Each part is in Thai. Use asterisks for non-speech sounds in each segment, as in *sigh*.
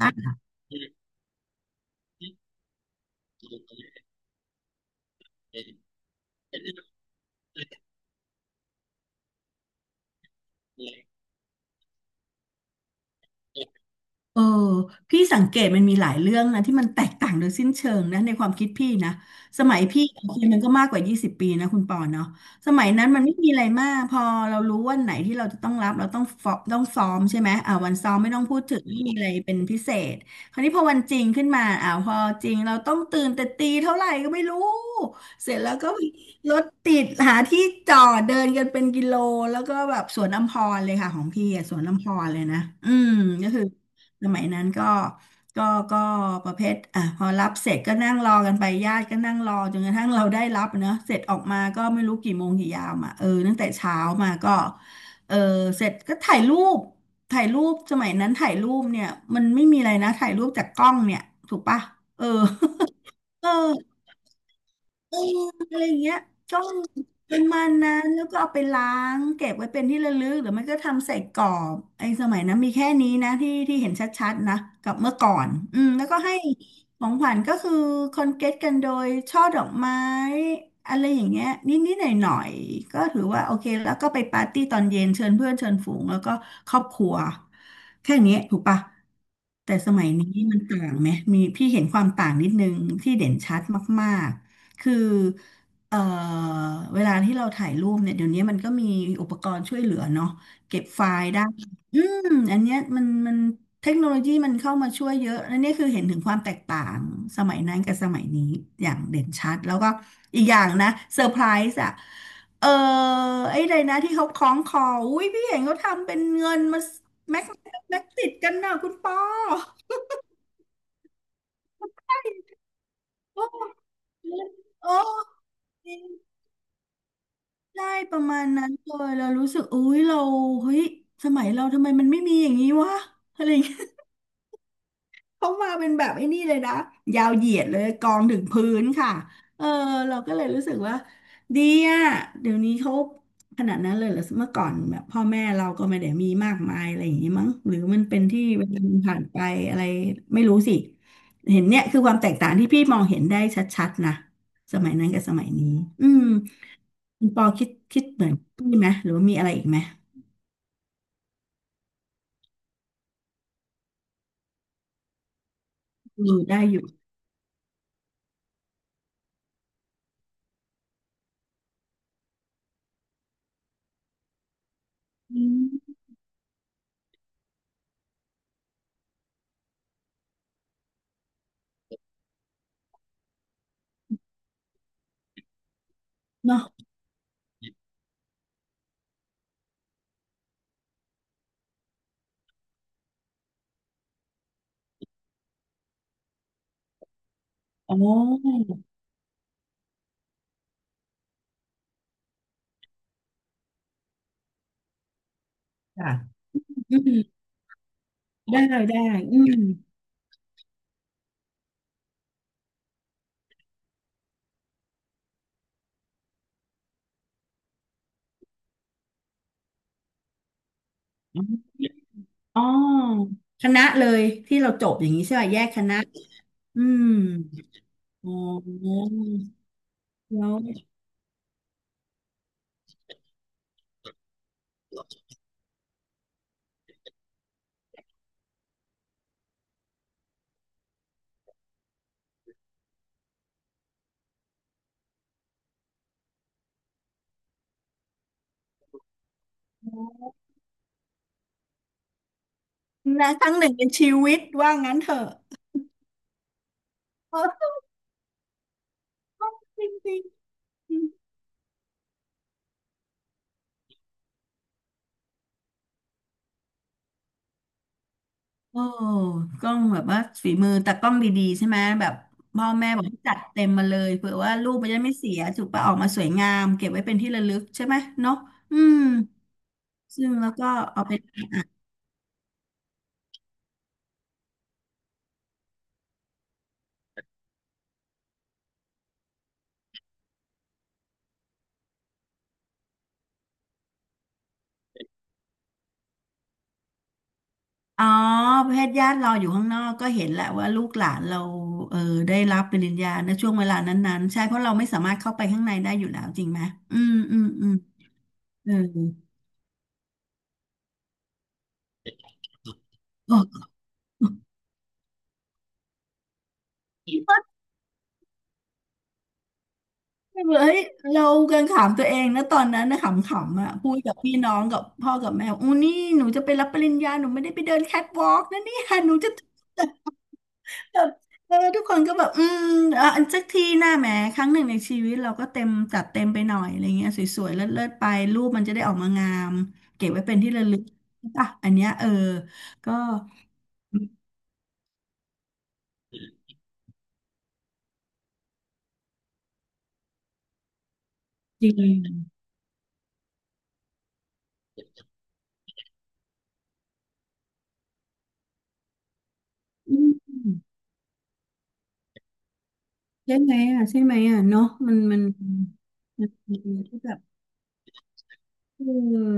อ่ะ เออพี่สังเกตมันมีหลายเรื่องนะที่มันแตกต่างโดยสิ้นเชิงนะในความคิดพี่นะสมัยพี่โอเคมันก็มากกว่า20ปีนะคุณปอเนาะสมัยนั้นมันไม่มีอะไรมากพอเรารู้วันไหนที่เราจะต้องรับเราต้องฟอต้องซ้อมใช่ไหมอ่าวันซ้อมไม่ต้องพูดถึงไม่มีอะไรเป็นพิเศษคราวนี้พอวันจริงขึ้นมาพอจริงเราต้องตื่นแต่ตีเท่าไหร่ก็ไม่รู้เสร็จแล้วก็รถติดหาที่จอดเดินกันเป็นกิโลแล้วก็แบบสวนอัมพรเลยค่ะของพี่อะสวนอัมพรเลยนะอืมก็คือ สมัยนั้นก็ก็ประเภทอ่ะพอรับเสร็จก็นั่งรอกันไปญาติก็นั่งรอจนกระทั่งเราได้รับเนอะเสร็จออกมาก็ไม่รู้กี่โมงกี่ยามอ่ะเออตั้งแต่เช้ามาก็เออเสร็จก็ถ่ายรูปถ่ายรูปสมัยนั้นถ่ายรูปเนี่ยมันไม่มีอะไรนะถ่ายรูปจากกล้องเนี่ยถูกปะเออ *laughs* เออ อะไรอย่างเงี้ยจ้องประมาณนั้นแล้วก็เอาไปล้างเก็บไว้เป็นที่ระลึกหรือไม่ก็ทำใส่กรอบไอ้สมัยนั้นมีแค่นี้นะที่ที่เห็นชัดๆนะกับเมื่อก่อนอืมแล้วก็ให้ของขวัญก็คือคอนเกตกันโดยช่อดอกไม้อะไรอย่างเงี้ยนิดๆหน่อยๆก็ถือว่าโอเคแล้วก็ไปปาร์ตี้ตอนเย็นเชิญเพื่อนเชิญฝูงแล้วก็ครอบครัวแค่นี้ถูกปะแต่สมัยนี้มันต่างไหมมีพี่เห็นความต่างนิดนึงที่เด่นชัดมากๆคือ เอ่อเวลาที่เราถ่ายรูปเนี่ยเดี๋ยวนี้มันก็มีอุปกรณ์ช่วยเหลือเนาะเก็บไฟล์ได้อืมอันเนี้ยมันเทคโนโลยีมันเข้ามาช่วยเยอะอันนี้คือเห็นถึงความแตกต่างสมัยนั้นกับสมัยนี้อย่างเด่นชัดแล้วก็อีกอย่างนะเซอร์ไพรส์อ่ะเออไอ้ใดนะที่เขาคล้องคออุ้ยพี่เห็นเขาทำเป็นเงินมาแม็กแม็กติดกันนะคุณปอโอ้โอ้ ใช่ประมาณนั้นเลยเรารู้สึกอุ้ยเราเฮ้ยสมัยเราทำไมมันไม่มีอย่างนี้วะอะไรเงี้ย *laughs* เขามาเป็นแบบไอ้นี่เลยนะยาวเหยียดเลยกองถึงพื้นค่ะเออเราก็เลยรู้สึกว่าดีอะเดี๋ยวนี้เขาขนาดนั้นเลยเหรอเมื่อก่อนแบบพ่อแม่เราก็ไม่ได้มีมากมายอะไรอย่างนี้มั้งหรือมันเป็นที่เวลามันผ่านไปอะไรไม่รู้สิเห็นเนี่ยคือความแตกต่างที่พี่มองเห็นได้ชัดๆนะสมัยนั้นกับสมัยนี้อืม คุณปอคิดเหมือนพี่ไหมหรือว่ามีอะไรอีกไหมอืมได้อยู่อืมเนาะอ๋อค่ะอืมได้เลยได้อืมอ๋อคณะเลยที่เราจบอย่างนี้ใช่ไหมแยกคณะอืมอ๋อแล้วนะครั้งหนึ่งในชีวิตว่างั้นเถอะ *laughs* เออจริงๆ โอ้กล้องแบบว่าฝีมือแต่กล้องดีๆใช่ไหมแบบพ่อแม่บอกให้จัดเต็มมาเลยเผื่อว่ารูปมันจะไม่เสียถูกปะออกมาสวยงามเก็บไว้เป็นที่ระลึกใช่ไหมเนาะอืมซึ่งแล้วก็เอาไปอ๋อประเภทญาติเราอยู่ข้างนอกก็เห็นแหละว่าลูกหลานเราเออได้รับปริญญาในช่วงเวลานั้นๆใช่เพราะเราไม่สามารถเข้าไปข้างในได้อยู่แล้วจริงไหมอืมอืมอืมเออโอ้ แบบเฮ้ยเรากันขำตัวเองนะตอนนั้นนะขำๆอ่ะพูดกับพี่น้องกับพ่อกับแม่อู้นี่หนูจะไปรับปริญญาหนูไม่ได้ไปเดินแคทวอล์กนะเนี่ยหนูจะแบบเออทุกคนก็แบบอืมเอออันสักทีหน้าแหมครั้งหนึ่งในชีวิตเราก็เต็มจัดเต็มไปหน่อยอะไรเงี้ยสวยๆเลิศๆไปรูปมันจะได้ออกมางามเก็บไว้เป็นที่ระลึกอ่ะอันเนี้ยเออก็จริงอืมใช่ไหมอ่ะใช่ไหมอ่ะเนาะมันที่แบบ เ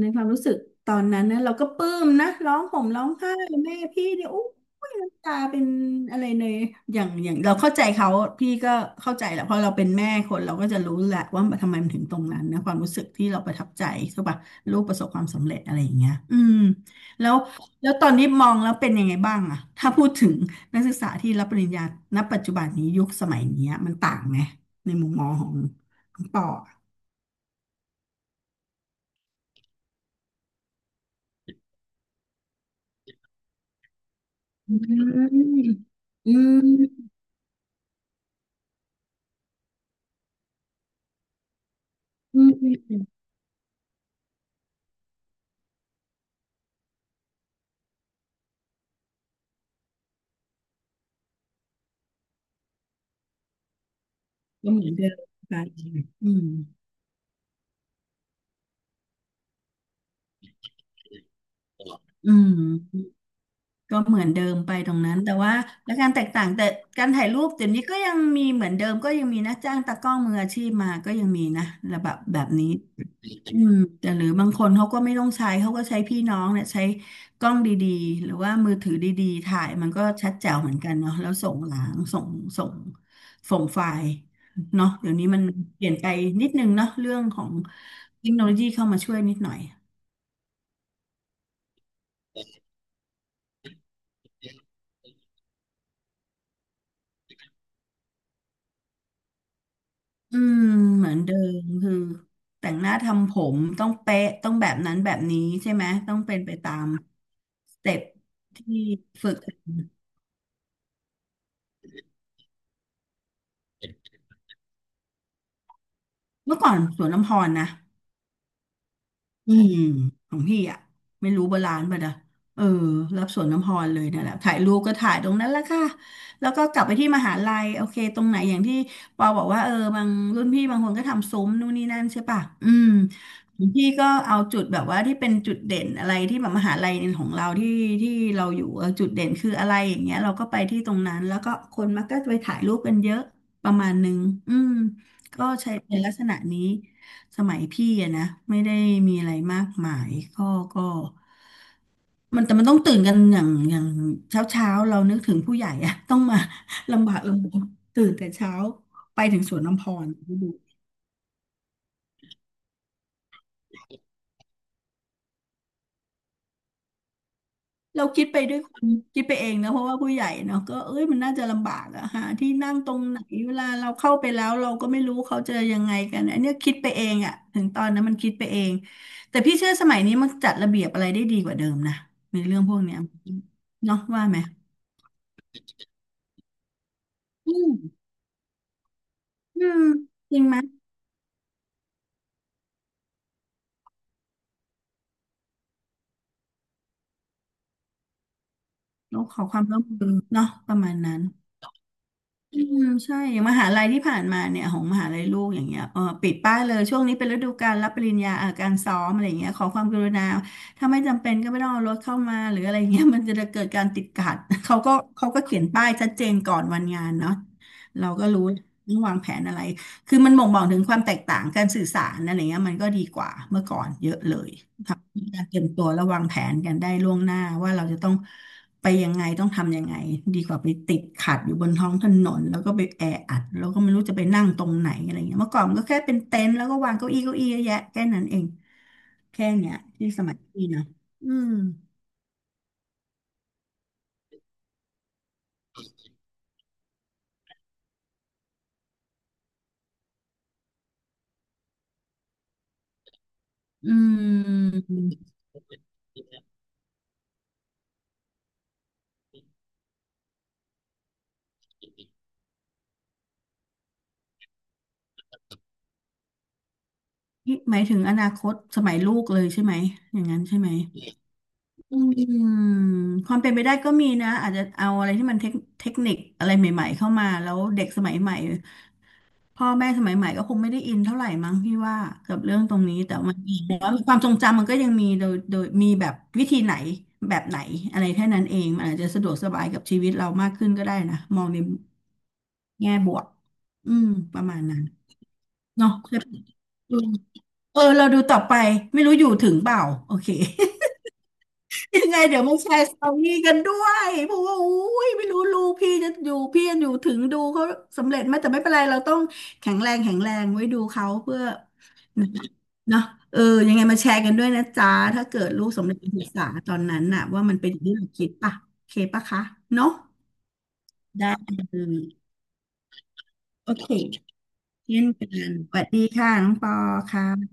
ในความรู้สึกตอนนั้นนะเราก็ปลื้มนะร้องห่มร้องไห้แม่พี่เนี่ยโอ้ยน้ำตาเป็นอะไรเลยอย่างอย่างเราเข้าใจเขาพี่ก็เข้าใจแหละเพราะเราเป็นแม่คนเราก็จะรู้แหละว่าทำไมมันถึงตรงนั้นนะความรู้สึกที่เราประทับใจใช่ปะลูกประสบความสำเร็จอะไรอย่างเงี้ยอืมแล้วแล้วตอนนี้มองแล้วเป็นยังไงบ้างอะถ้าพูดถึงนักศึกษาที่รับปริญญาณปัจจุบันนี้ยุคสมัยเนี้ยมันต่างไหมในมุมมองของของปอะอืมอืม อืมอืมอืมก็เหมือนเดิมไปอืมอืมก็เหมือนเดิมไปตรงนั้นแต่ว่าและการแตกต่างแต่การถ่ายรูปเดี๋ยวนี้ก็ยังมีเหมือนเดิมก็ยังมีนะจ้างตากล้องมืออาชีพมาก็ยังมีนะระแบบแบบนี้ อืมแต่หรือบางคนเขาก็ไม่ต้องใช้เขาก็ใช้พี่น้องเนี่ยใช้กล้องดีๆหรือว่ามือถือดีๆถ่ายมันก็ชัดแจ๋วเหมือนกันเนาะแล้วส่งหลังส่งส่งไฟล์เนาะเดี๋ยวนี้มันเปลี่ยนไปนิดนึงเนาะเรื่องของเทคโนโลยีเข้ามาช่วยนิดหน่อยอืมเหมือนเดิมคือแต่งหน้าทำผมต้องเป๊ะต้องแบบนั้นแบบนี้ใช่ไหมต้องเป็นไปตามสเต็ปที่ฝึกเมื่อก่อนสวนลำพรนะ อืมของพี่อ่ะไม่รู้โบราณป่ะนะเออรับสวนน้ำพรเลยนั่นแหละถ่ายรูปก็ถ่ายตรงนั้นแหละค่ะแล้วก็กลับไปที่มหาลัยโอเคตรงไหนอย่างที่ปอบอกว่าเออบางรุ่นพี่บางคนก็ทำซุ้มนู่นนี่นั่นใช่ป่ะอืมของพี่ก็เอาจุดแบบว่าที่เป็นจุดเด่นอะไรที่แบบมหาลัยของเราที่เราอยู่เออจุดเด่นคืออะไรอย่างเงี้ยเราก็ไปที่ตรงนั้นแล้วก็คนมักก็ไปถ่ายรูปกันเยอะประมาณนึงอืมก็ใช้เป็นลักษณะนี้ สมัยพี่อะนะไม่ได้มีอะไรมากมายก็มันแต่มันต้องตื่นกันอย่างเช้าเช้าเรานึกถึงผู้ใหญ่อะ *laughs* ต้องมา *laughs* ลำบากลำบนตื่นแต่เช้าไปถึงสวนน้ำพรดูเราคิดไปด้วยคนคิดไปเองนะเพราะว่าผู้ใหญ่เนาะก็เอ้ยมันน่าจะลำบากอะหาที่นั่งตรงไหนเวลาเราเข้าไปแล้วเราก็ไม่รู้เขาจะยังไงกันอันเนี้ยคิดไปเองอะถึงตอนนั้นมันคิดไปเองแต่พี่เชื่อสมัยนี้มันจัดระเบียบอะไรได้ดีกว่าเดิมนะในเรื่องพวกเนี้ยเนาะว่าไหมอืม อืมจริงไหมต้องขอความร่วมมือเนาะประมาณนั้นอืมใช่อย่างมหาลัยที่ผ่านมาเนี่ยของมหาลัยลูกอย่างเงี้ยเออปิดป้ายเลยช่วงนี้เป็นฤดูการรับปริญญาการซ้อมอะไรเงี้ยขอความกรุณาถ้าไม่จำเป็นก็ไม่ต้องเอารถเข้ามาหรืออะไรเงี้ยมันจะเกิดการติดขัด *laughs* เขาก็เขียนป้ายชัดเจนก่อนวันงานเนาะเราก็รู้ต้องวางแผนอะไรคือมันบ่งบอกถึงความแตกต่างการสื่อสารอะไรเงี้ยมันก็ดีกว่าเมื่อก่อนเยอะเลย มีการเตรียมตัวและวางแผนกันได้ล่วงหน้าว่าเราจะต้องไปยังไงต้องทำยังไงดีกว่าไปติดขัดอยู่บนท้องถนนแล้วก็ไปแออัดแล้วก็ไม่รู้จะไปนั่งตรงไหนอะไรเงี้ยเมื่อก่อนมันก็แค่เป็นเต็นท์แล้วก็วางเก้าอี้เก้าอี้เยอะแยะแค่นั้นเองแค่เนี้ยที่สมัยพี่นะอืมอืมนี่หมายถึงอนาคตสมัยลูกเลยใช่ไหมอย่างนั้นใช่ไหมอืมความเป็นไปได้ก็มีนะอาจจะเอาอะไรที่มันเทคนิคอะไรใหม่ๆเข้ามาแล้วเด็กสมัยใหม่ พ่อแม่สมัยใหม่ก็คงไม่ได้อินเท่าไหร่มั้งพี่ว่ากับเรื่องตรงนี้แต่มันมีแต่ว่าความทรงจำมันก็ยังมีโดยมีแบบวิธีไหนแบบไหนอะไรแค่นั้นเองมันอาจจะสะดวกสบายกับชีวิตเรามากขึ้นก็ได้นะมองในแง่บวกอืมประมาณนั้นเนาะดูเออเราดูต่อไปไม่รู้อยู่ถึงเปล่าโอเคยังไงเดี๋ยวมาแชร์สตอรี่กันด้วยเพราะว่าอุ้ยไม่รู้ลูกพี่จะอยู่พี่จะอยู่ถึงดูเขาสำเร็จไหมแต่ไม่เป็นไรเราต้องแข็งแรงไว้ดูเขาเพื่อ นะเนาะเออยังไงมาแชร์กันด้วยนะจ๊ะถ้าเกิดลูกสำเร็จการศึกษาตอนนั้นน่ะว่ามันเป็นอย่างที่เราคิดป่ะโอเคป่ะคะเนาะได้เลยโอเคเช่นกันสวัสดีค่ะน้องปอค่ะ